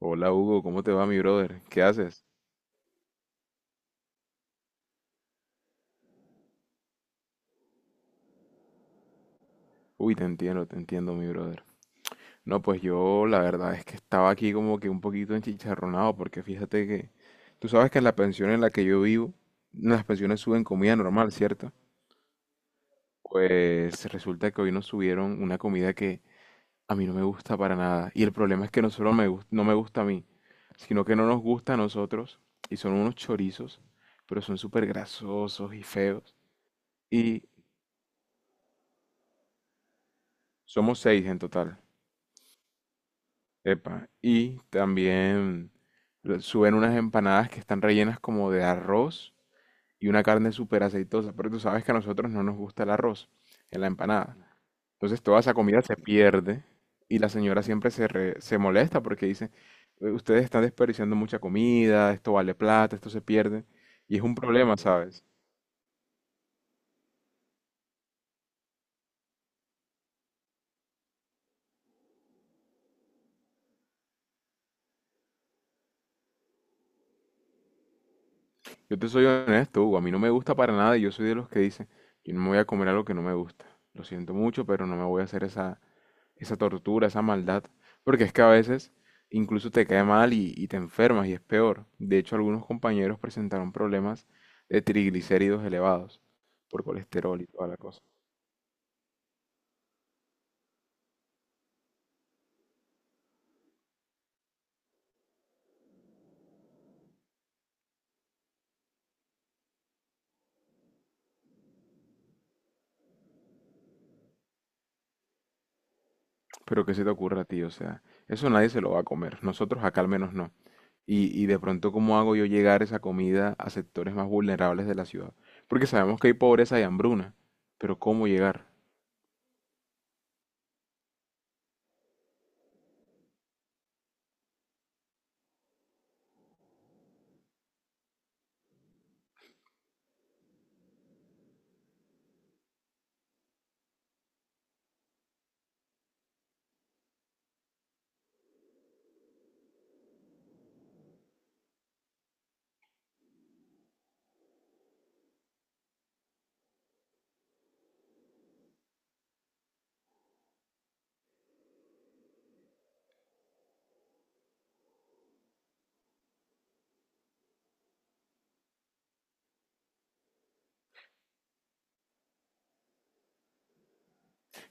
Hola Hugo, ¿cómo te va mi brother? ¿Qué haces? Uy, te entiendo mi brother. No, pues yo la verdad es que estaba aquí como que un poquito enchicharronado porque fíjate que tú sabes que en la pensión en la que yo vivo, las pensiones suben comida normal, ¿cierto? Pues resulta que hoy nos subieron una comida que a mí no me gusta para nada. Y el problema es que no solo no me gusta a mí, sino que no nos gusta a nosotros y son unos chorizos, pero son súper grasosos y feos. Y somos 6 en total. Epa, y también suben unas empanadas que están rellenas como de arroz y una carne súper aceitosa, pero tú sabes que a nosotros no nos gusta el arroz en la empanada. Entonces toda esa comida se pierde y la señora siempre se molesta porque dice, ustedes están desperdiciando mucha comida, esto vale plata, esto se pierde. Y es un problema, ¿sabes? Yo te soy honesto, Hugo, a mí no me gusta para nada y yo soy de los que dice yo no me voy a comer algo que no me gusta. Lo siento mucho, pero no me voy a hacer esa tortura, esa maldad, porque es que a veces incluso te cae mal y te enfermas y es peor. De hecho, algunos compañeros presentaron problemas de triglicéridos elevados por colesterol y toda la cosa. Pero ¿qué se te ocurre a ti? O sea, eso nadie se lo va a comer, nosotros acá al menos no. Y de pronto, ¿cómo hago yo llegar esa comida a sectores más vulnerables de la ciudad? Porque sabemos que hay pobreza y hambruna, pero ¿cómo llegar?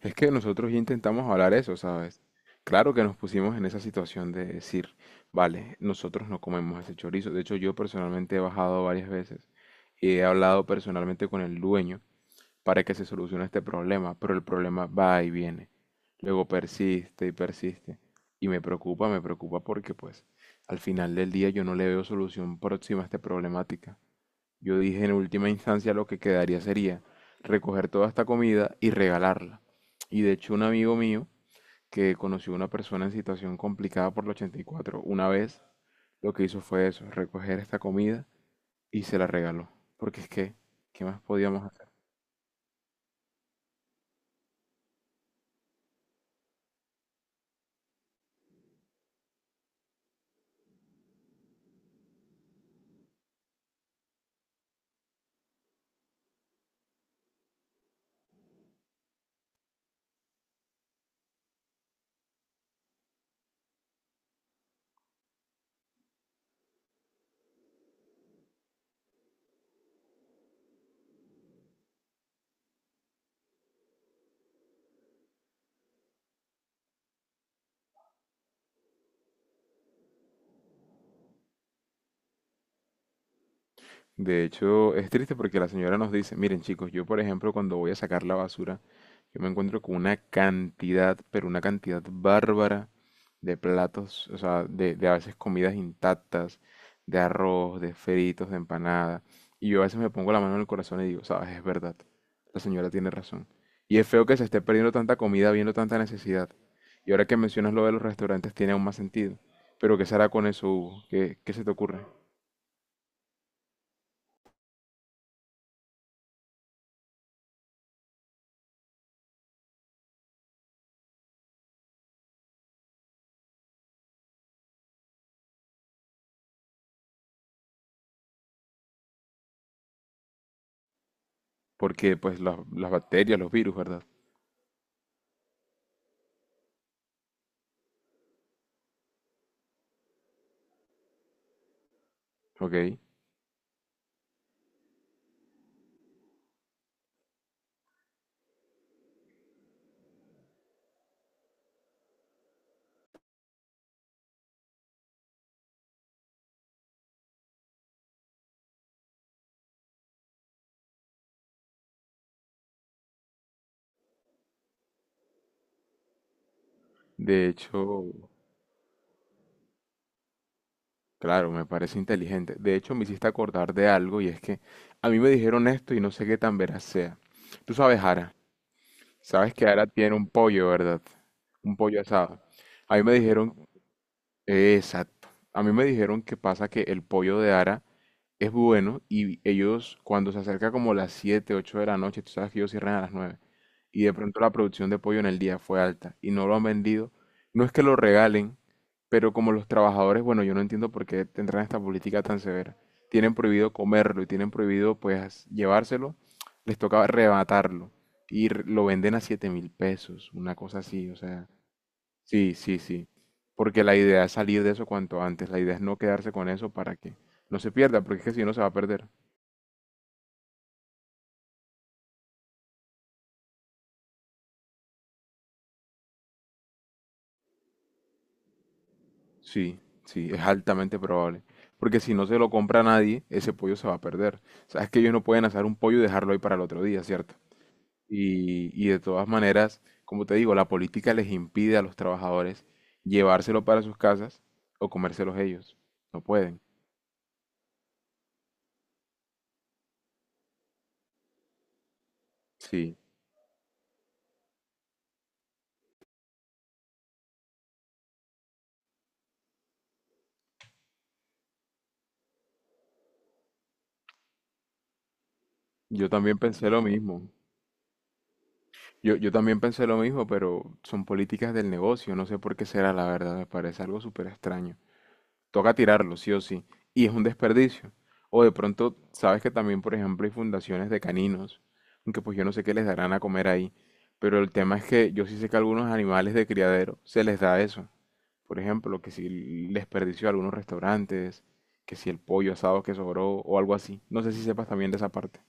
Es que nosotros ya intentamos hablar eso, ¿sabes? Claro que nos pusimos en esa situación de decir, vale, nosotros no comemos ese chorizo. De hecho, yo personalmente he bajado varias veces y he hablado personalmente con el dueño para que se solucione este problema, pero el problema va y viene. Luego persiste y persiste. Y me preocupa porque pues al final del día yo no le veo solución próxima a esta problemática. Yo dije en última instancia lo que quedaría sería recoger toda esta comida y regalarla. Y de hecho un amigo mío que conoció a una persona en situación complicada por el 84 una vez lo que hizo fue eso, recoger esta comida y se la regaló. Porque es que, ¿qué más podíamos De hecho, es triste porque la señora nos dice, miren chicos, yo por ejemplo cuando voy a sacar la basura, yo me encuentro con una cantidad, pero una cantidad bárbara de platos, o sea, de a veces comidas intactas, de arroz, de fritos, de empanada. Y yo a veces me pongo la mano en el corazón y digo, sabes, es verdad, la señora tiene razón. Y es feo que se esté perdiendo tanta comida, viendo tanta necesidad. Y ahora que mencionas lo de los restaurantes, tiene aún más sentido. Pero ¿qué se hará con eso, Hugo? ¿Qué, qué se te ocurre? Porque pues las bacterias, los virus, ¿verdad? Ok. De hecho, claro, me parece inteligente. De hecho, me hiciste acordar de algo y es que a mí me dijeron esto y no sé qué tan veraz sea. Tú sabes, Ara, sabes que Ara tiene un pollo, ¿verdad? Un pollo asado. A mí me dijeron, exacto. A mí me dijeron que pasa que el pollo de Ara es bueno y ellos cuando se acerca como las 7 8 de la noche, tú sabes que ellos cierran a las 9 y de pronto la producción de pollo en el día fue alta y no lo han vendido, no es que lo regalen, pero como los trabajadores, bueno, yo no entiendo por qué tendrán esta política tan severa, tienen prohibido comerlo y tienen prohibido pues llevárselo, les toca arrebatarlo y lo venden a 7.000 pesos, una cosa así, o sea, sí, sí, sí. Porque la idea es salir de eso cuanto antes. La idea es no quedarse con eso para que no se pierda, porque es que si no se va a perder. Sí, sí, es altamente probable. Porque si no se lo compra nadie, ese pollo se va a perder. Sabes que ellos no pueden asar un pollo y dejarlo ahí para el otro día, ¿cierto? Y de todas maneras, como te digo, la política les impide a los trabajadores llevárselo para sus casas o comérselos ellos. No pueden. Sí, yo también pensé lo mismo. Yo también pensé lo mismo, pero son políticas del negocio, no sé por qué será la verdad, me parece algo súper extraño. Toca tirarlo, sí o sí, y es un desperdicio. O de pronto, sabes que también, por ejemplo, hay fundaciones de caninos, aunque pues yo no sé qué les darán a comer ahí, pero el tema es que yo sí sé que a algunos animales de criadero se les da eso. Por ejemplo, que si el desperdicio de algunos restaurantes, que si el pollo asado que sobró o algo así. No sé si sepas también de esa parte.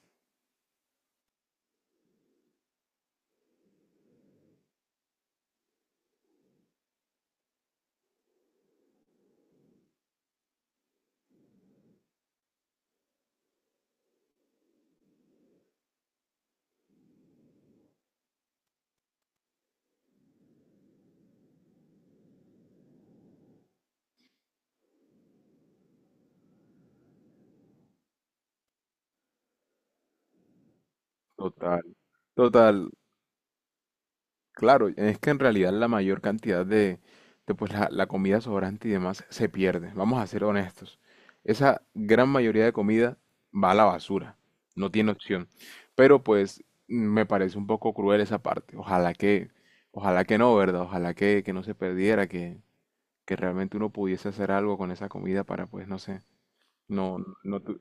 Total. Total, claro, es que en realidad la mayor cantidad de, pues la comida sobrante y demás se pierde. Vamos a ser honestos. Esa gran mayoría de comida va a la basura. No tiene opción. Pero pues me parece un poco cruel esa parte. Ojalá que no, ¿verdad? Que no se perdiera, que realmente uno pudiese hacer algo con esa comida para, pues, no sé, no, no, tu-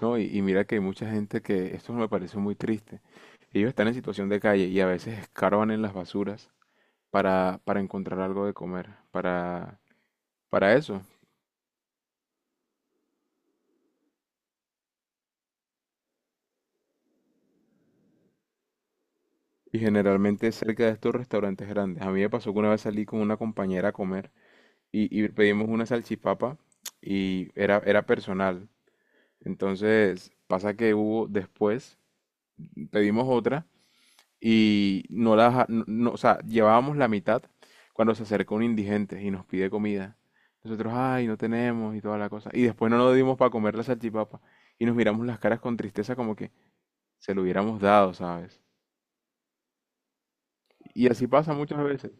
no, y mira que hay mucha gente que, esto me parece muy triste. Ellos están en situación de calle y a veces escarban en las basuras para encontrar algo de comer, para eso. Y generalmente cerca de estos restaurantes grandes. A mí me pasó que una vez salí con una compañera a comer y pedimos una salchipapa y era personal. Entonces pasa que hubo después, pedimos otra y no la, ja- no, no- o sea, llevábamos la mitad cuando se acerca un indigente y nos pide comida. Nosotros, ay, no tenemos y toda la cosa. Y después no nos dimos para comer la salchipapa y nos miramos las caras con tristeza como que, se lo hubiéramos dado, ¿sabes? Y así pasa muchas veces.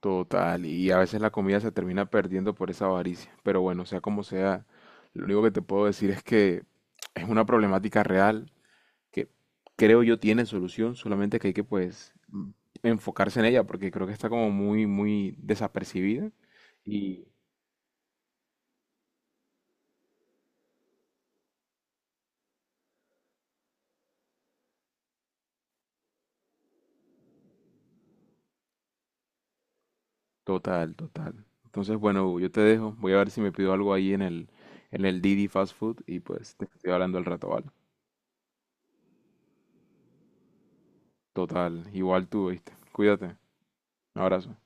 Total, y a veces la comida se termina perdiendo por esa avaricia. Pero bueno, sea como sea, lo único que te puedo decir es que es una problemática real que creo yo tiene solución, solamente que hay que enfocarse en ella porque creo que está como muy desapercibida. Y total, total. Entonces, bueno, Hugo, yo te dejo. Voy a ver si me pido algo ahí en el Didi Fast Food y pues te estoy hablando al rato, ¿vale? Total, igual tú, ¿viste? Cuídate. Un abrazo